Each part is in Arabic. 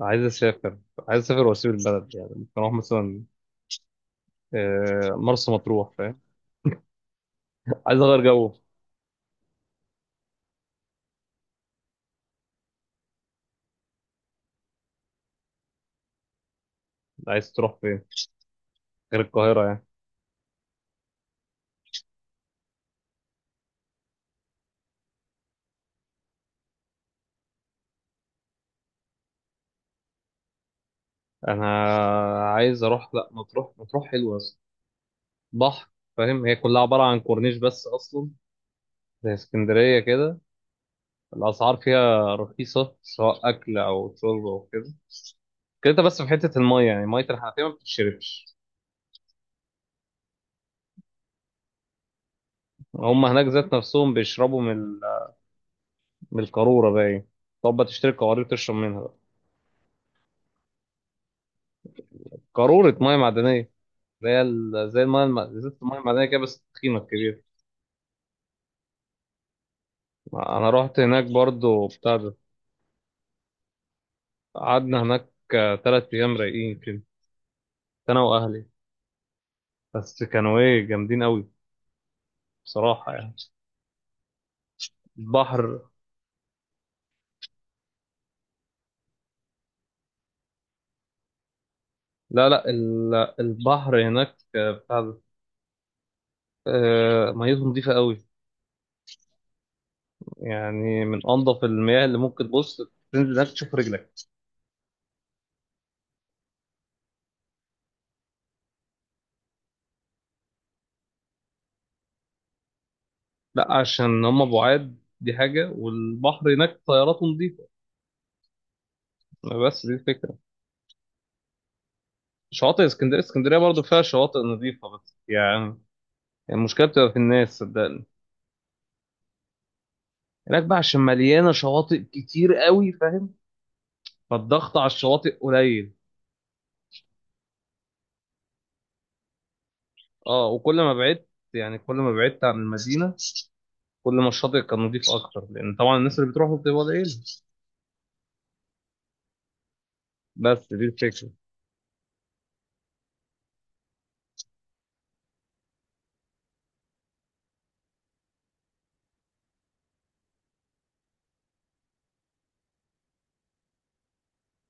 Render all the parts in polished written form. عايز اسافر عايز اسافر واسيب البلد، يعني ممكن اروح مثلا مرسى مطروح، فاهم؟ عايز اغير جو. عايز تروح فين غير القاهره يعني؟ انا عايز اروح، لا مطروح، مطروح حلوه أصلاً. بحر، فاهم؟ هي كلها عباره عن كورنيش بس اصلا، زي اسكندريه كده. الاسعار فيها رخيصه سواء اكل او شرب او كده كده، أنت بس في حته الميه، يعني ميه الحنفيه ما بتتشربش. هم هناك ذات نفسهم بيشربوا من من القاروره باين. طب بتشتري قوارير تشرب منها بقى. قارورة مية معدنية، اللي هي زي زي المايه المعدنيه كده، بس تخينه كبيره. انا رحت هناك برضو بتاع ده، قعدنا هناك تلات ايام رايقين كده، انا واهلي، بس كانوا ايه جامدين قوي، بصراحه يعني. البحر، لا لا ال- البحر هناك بتاع ده، ميته نظيفه قوي، يعني من انظف المياه اللي ممكن تبص تنزل هناك تشوف رجلك. لا عشان هم بعاد، دي حاجه، والبحر هناك طياراته نظيفه، بس دي الفكره. شواطئ اسكندريه، اسكندريه برضو فيها شواطئ نظيفه بس يعني، يعني المشكله بتبقى في الناس صدقني. هناك بقى عشان مليانه شواطئ كتير قوي، فاهم؟ فالضغط على الشواطئ قليل. اه، وكل ما بعدت، يعني كل ما بعدت عن المدينه، كل ما الشاطئ كان نظيف اكتر، لان طبعا الناس اللي بتروحوا بتبقى قليله. بس دي الفكره.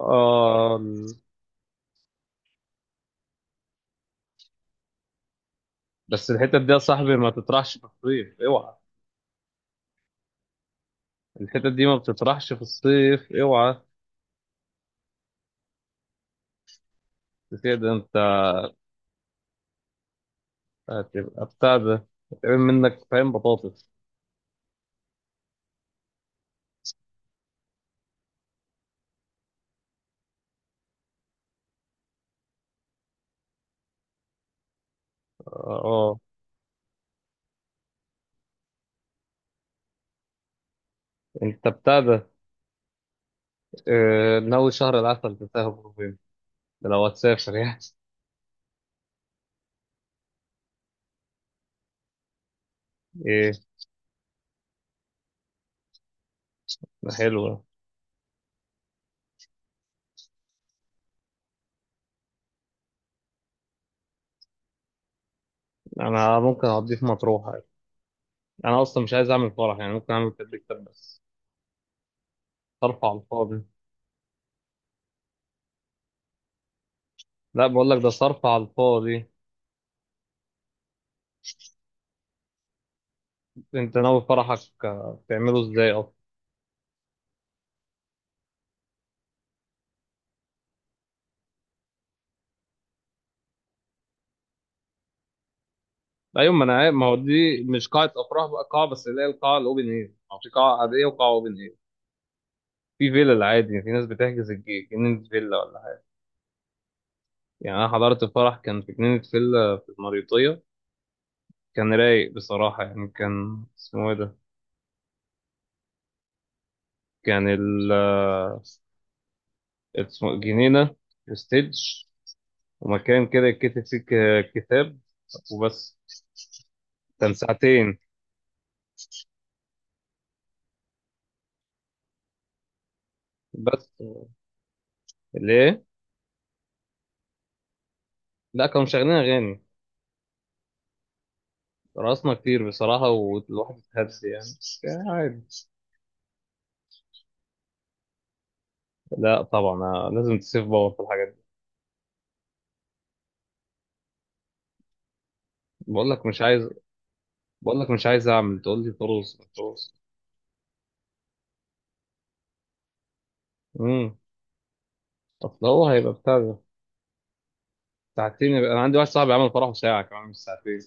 اه ال- بس الحتت دي يا صاحبي ما تطرحش في الصيف اوعى. الحتت دي ما بتطرحش في الصيف اوعى. كده انت هتبقى بتاع ده، هتعمل منك فاهم بطاطس. اه آه. انت بتاع ده، اه، ناوي شهر العسل تسافر فين؟ ده لو هتسافر يعني. ايه؟ ده حلو ده. انا ممكن اقضيه في مطروح يعني. انا اصلا مش عايز اعمل فرح، يعني ممكن اعمل كده كتاب بس، صرف على الفاضي. لا بقول لك ده صرف على الفاضي. انت ناوي فرحك اه، تعمله ازاي اصلا؟ ايوه ما انا عارف، ما هو دي مش قاعه افراح بقى، قاعه بس اللي هي القاعه الاوبن اير، او في قاعه عاديه وقاعه اوبن اير. في فيلا العادي، في ناس بتحجز الجنينه فيلا ولا حاجه. يعني انا حضرت فرح كان في جنينه فيلا في المريوطيه، كان رايق بصراحة، يعني كان اسمه ايه ده، كان ال، اسمه جنينة وستيدج، ومكان كده يتكتب فيه كتاب، وبس. كان ساعتين بس. ليه؟ لا كانوا مشغلين أغاني، رقصنا كتير بصراحة والواحد اتهبس يعني، كان عادي. لا طبعا، أنا لازم تسيف باور في الحاجات دي. بقول لك مش عايز، بقول لك مش عايز أعمل تقول لي طروس مش طروس. امم طب هو هيبقى بتاع ده. ساعتين يبقى؟ أنا عندي واحد صاحبي عمل فرحه ساعة كمان، مش ساعتين.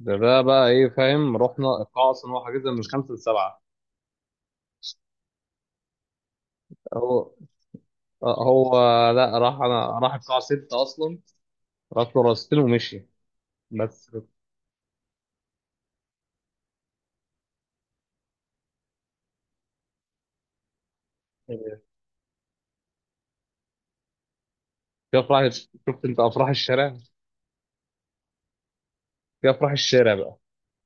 ده ده بقى ايه، فاهم؟ رحنا القاعة اصلا، هو حاجزها من خمسة لسبعة. هو هو لا، راح، انا راح القاعة ستة اصلا، راح له راستين ومشي بس. في افراح، شفت انت افراح الشارع؟ في افراح الشارع بقى،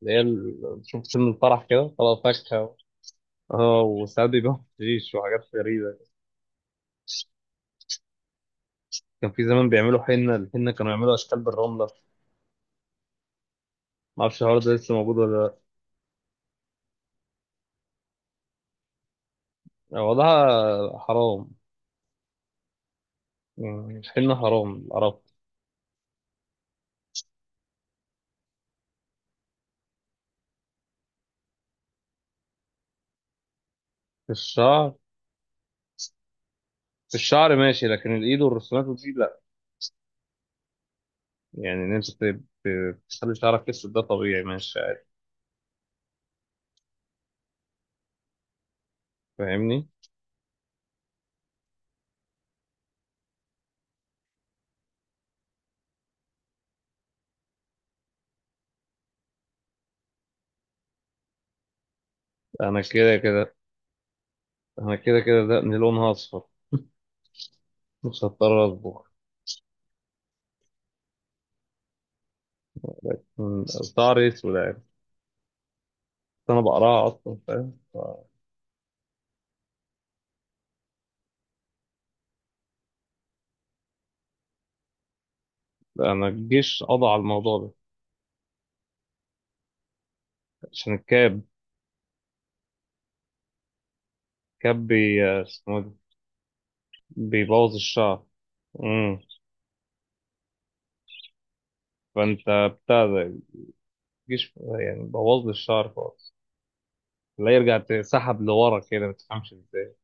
اللي شفت فيلم الفرح كده طلع فاكهة. اه وساعات بيبيعوا حشيش وحاجات غريبة. كان في زمان بيعملوا حنة، الحنة كانوا يعملوا أشكال بالرملة، ما أعرفش الحوار ده لسه موجود ولا. لأ وضعها حرام، يعني الحنة حرام، عرفت؟ الشعر، الشعر ماشي، لكن الايد والرسومات ودي لا. يعني ان انت تخلي شعرك اسود، ده طبيعي ماشي عادي، فاهمني؟ انا كده كده انا كده كده ده من لونها اصفر. مش هضطر اصبغ. من- شعري اسود يعني، انا بقراها اصلا، فاهم لا، انا الجيش قضى على الموضوع ده، عشان الكاب. كاب بي اسمه إيه ده، بيبوظ الشعر. امم فانت بتاع ده، الجيش يعني بوظ لي الشعر خالص، لا يرجع سحب لورا كده ما تفهمش ازاي.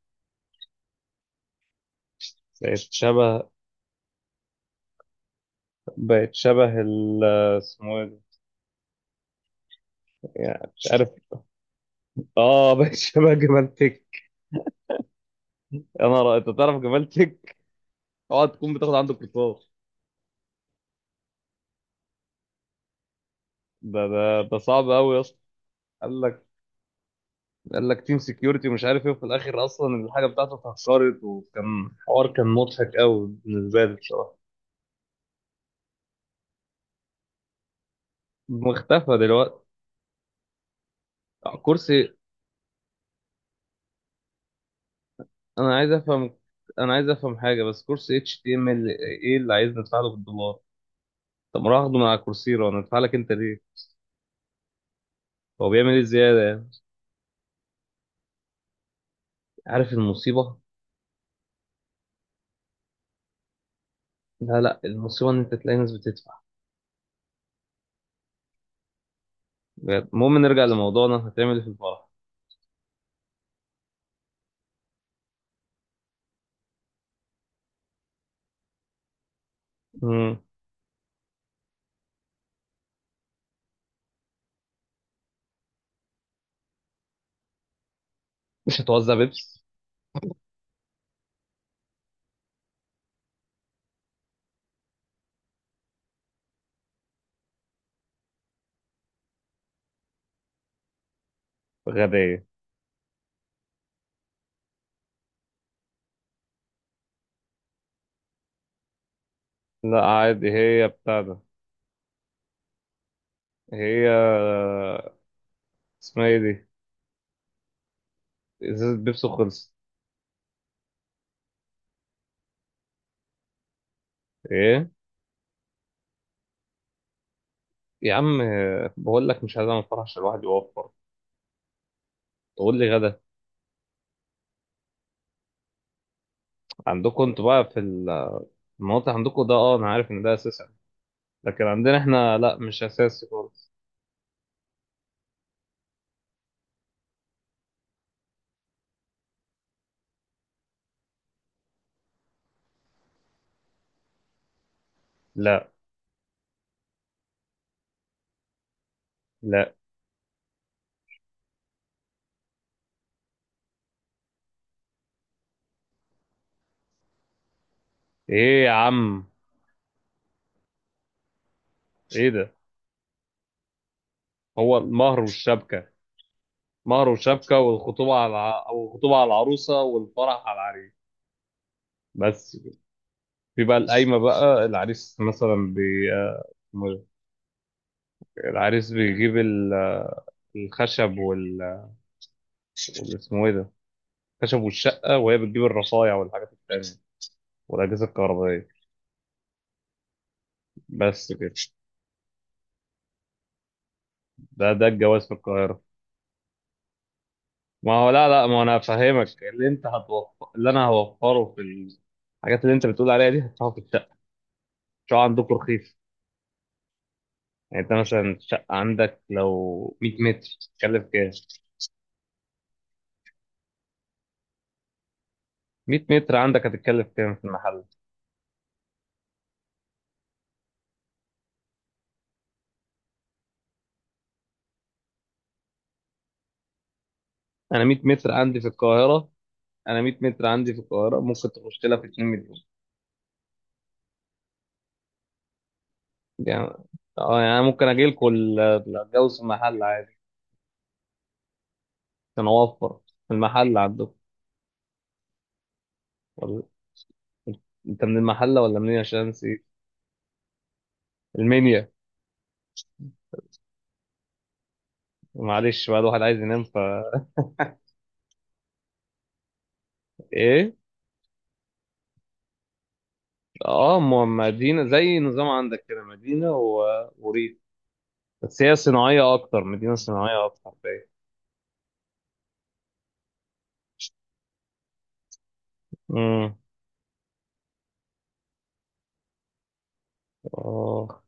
بقت شبه، بقت شبه ال، اسمه ايه ده؟ يعني مش عارف. اه بقت شبه جمال تك. انا رأي. انت تعرف جمال تك؟ اوعى تكون بتاخد عنده كورسات. ده ده ده صعب قوي يا اسطى. قال لك، قال لك تيم سكيورتي ومش عارف ايه، وفي الاخر اصلا الحاجه بتاعته اتهكرت، وكان حوار كان مضحك قوي بالنسبه لي بصراحه. مختفى دلوقتي. كرسي، انا عايز افهم، انا عايز افهم حاجه بس، كرسي اتش تي ام ال، ايه اللي عايز ندفع له بالدولار؟ طب ما اروح اخده من على كورسيرا، وندفع لك انت ليه؟ هو بيعمل ايه زياده يعني؟ عارف المصيبة؟ لا المصيبة ان انت تلاقي ناس بتدفع بجد. المهم نرجع لموضوعنا، هتعمل ايه في الفرح؟ مم. مش هتوزع بيبس غبية؟ لا عادي، هي بتاع ده، هي اسمها ايه دي، ازازة بيبسي خلصت. ايه يا عم؟ بقول لك مش عايز اعمل فرح عشان الواحد يوفر، تقول لي غدا. عندكم انتوا بقى في المناطق عندكم ده، اه انا عارف ان ده اساسي، لكن عندنا احنا لا، مش اساسي خالص. لا، لا. ايه يا عم؟ ايه ده؟ هو المهر والشبكة، مهر وشبكة، والخطوبة على أو الخطوبة على العروسة والفرح على العريس، بس. في بقى القايمة بقى، العريس مثلا بي... آه، العريس بيجيب الخشب وال وال- اسمه ايه ده، الخشب والشقة، وهي بتجيب الرصايع والحاجات التانية والأجهزة الكهربائية، بس كده. ده ده الجواز في القاهرة. ما هو لا، لا، ما هو أنا هفهمك، اللي أنت هتوفر اللي أنا هوفره في الحاجات اللي أنت بتقول عليها دي، هدفعه في الشقة. شو عندكم رخيص؟ يعني انت مثلا شقة عندك لو 100 متر تتكلف كام؟ 100 متر عندك هتتكلف كام في المحل؟ انا 100 متر عندي في القاهرة، انا 100 متر عندي في القاهرة ممكن تخش لها في 2 مليون يعني. اه، يعني أنا ممكن اجي لكم اتجوز في المحل عادي عشان اوفر. في المحل عندكم، ولا انت من المحلة ولا منين؟ عشان نسيت. المنيا؟ معلش بقى، الواحد عايز ينام فا. ايه؟ اه، ما مدينة، زي نظام عندك كده، مدينة و... وريف، بس هي صناعية أكتر، مدينة صناعية أكتر باين. امم، آه.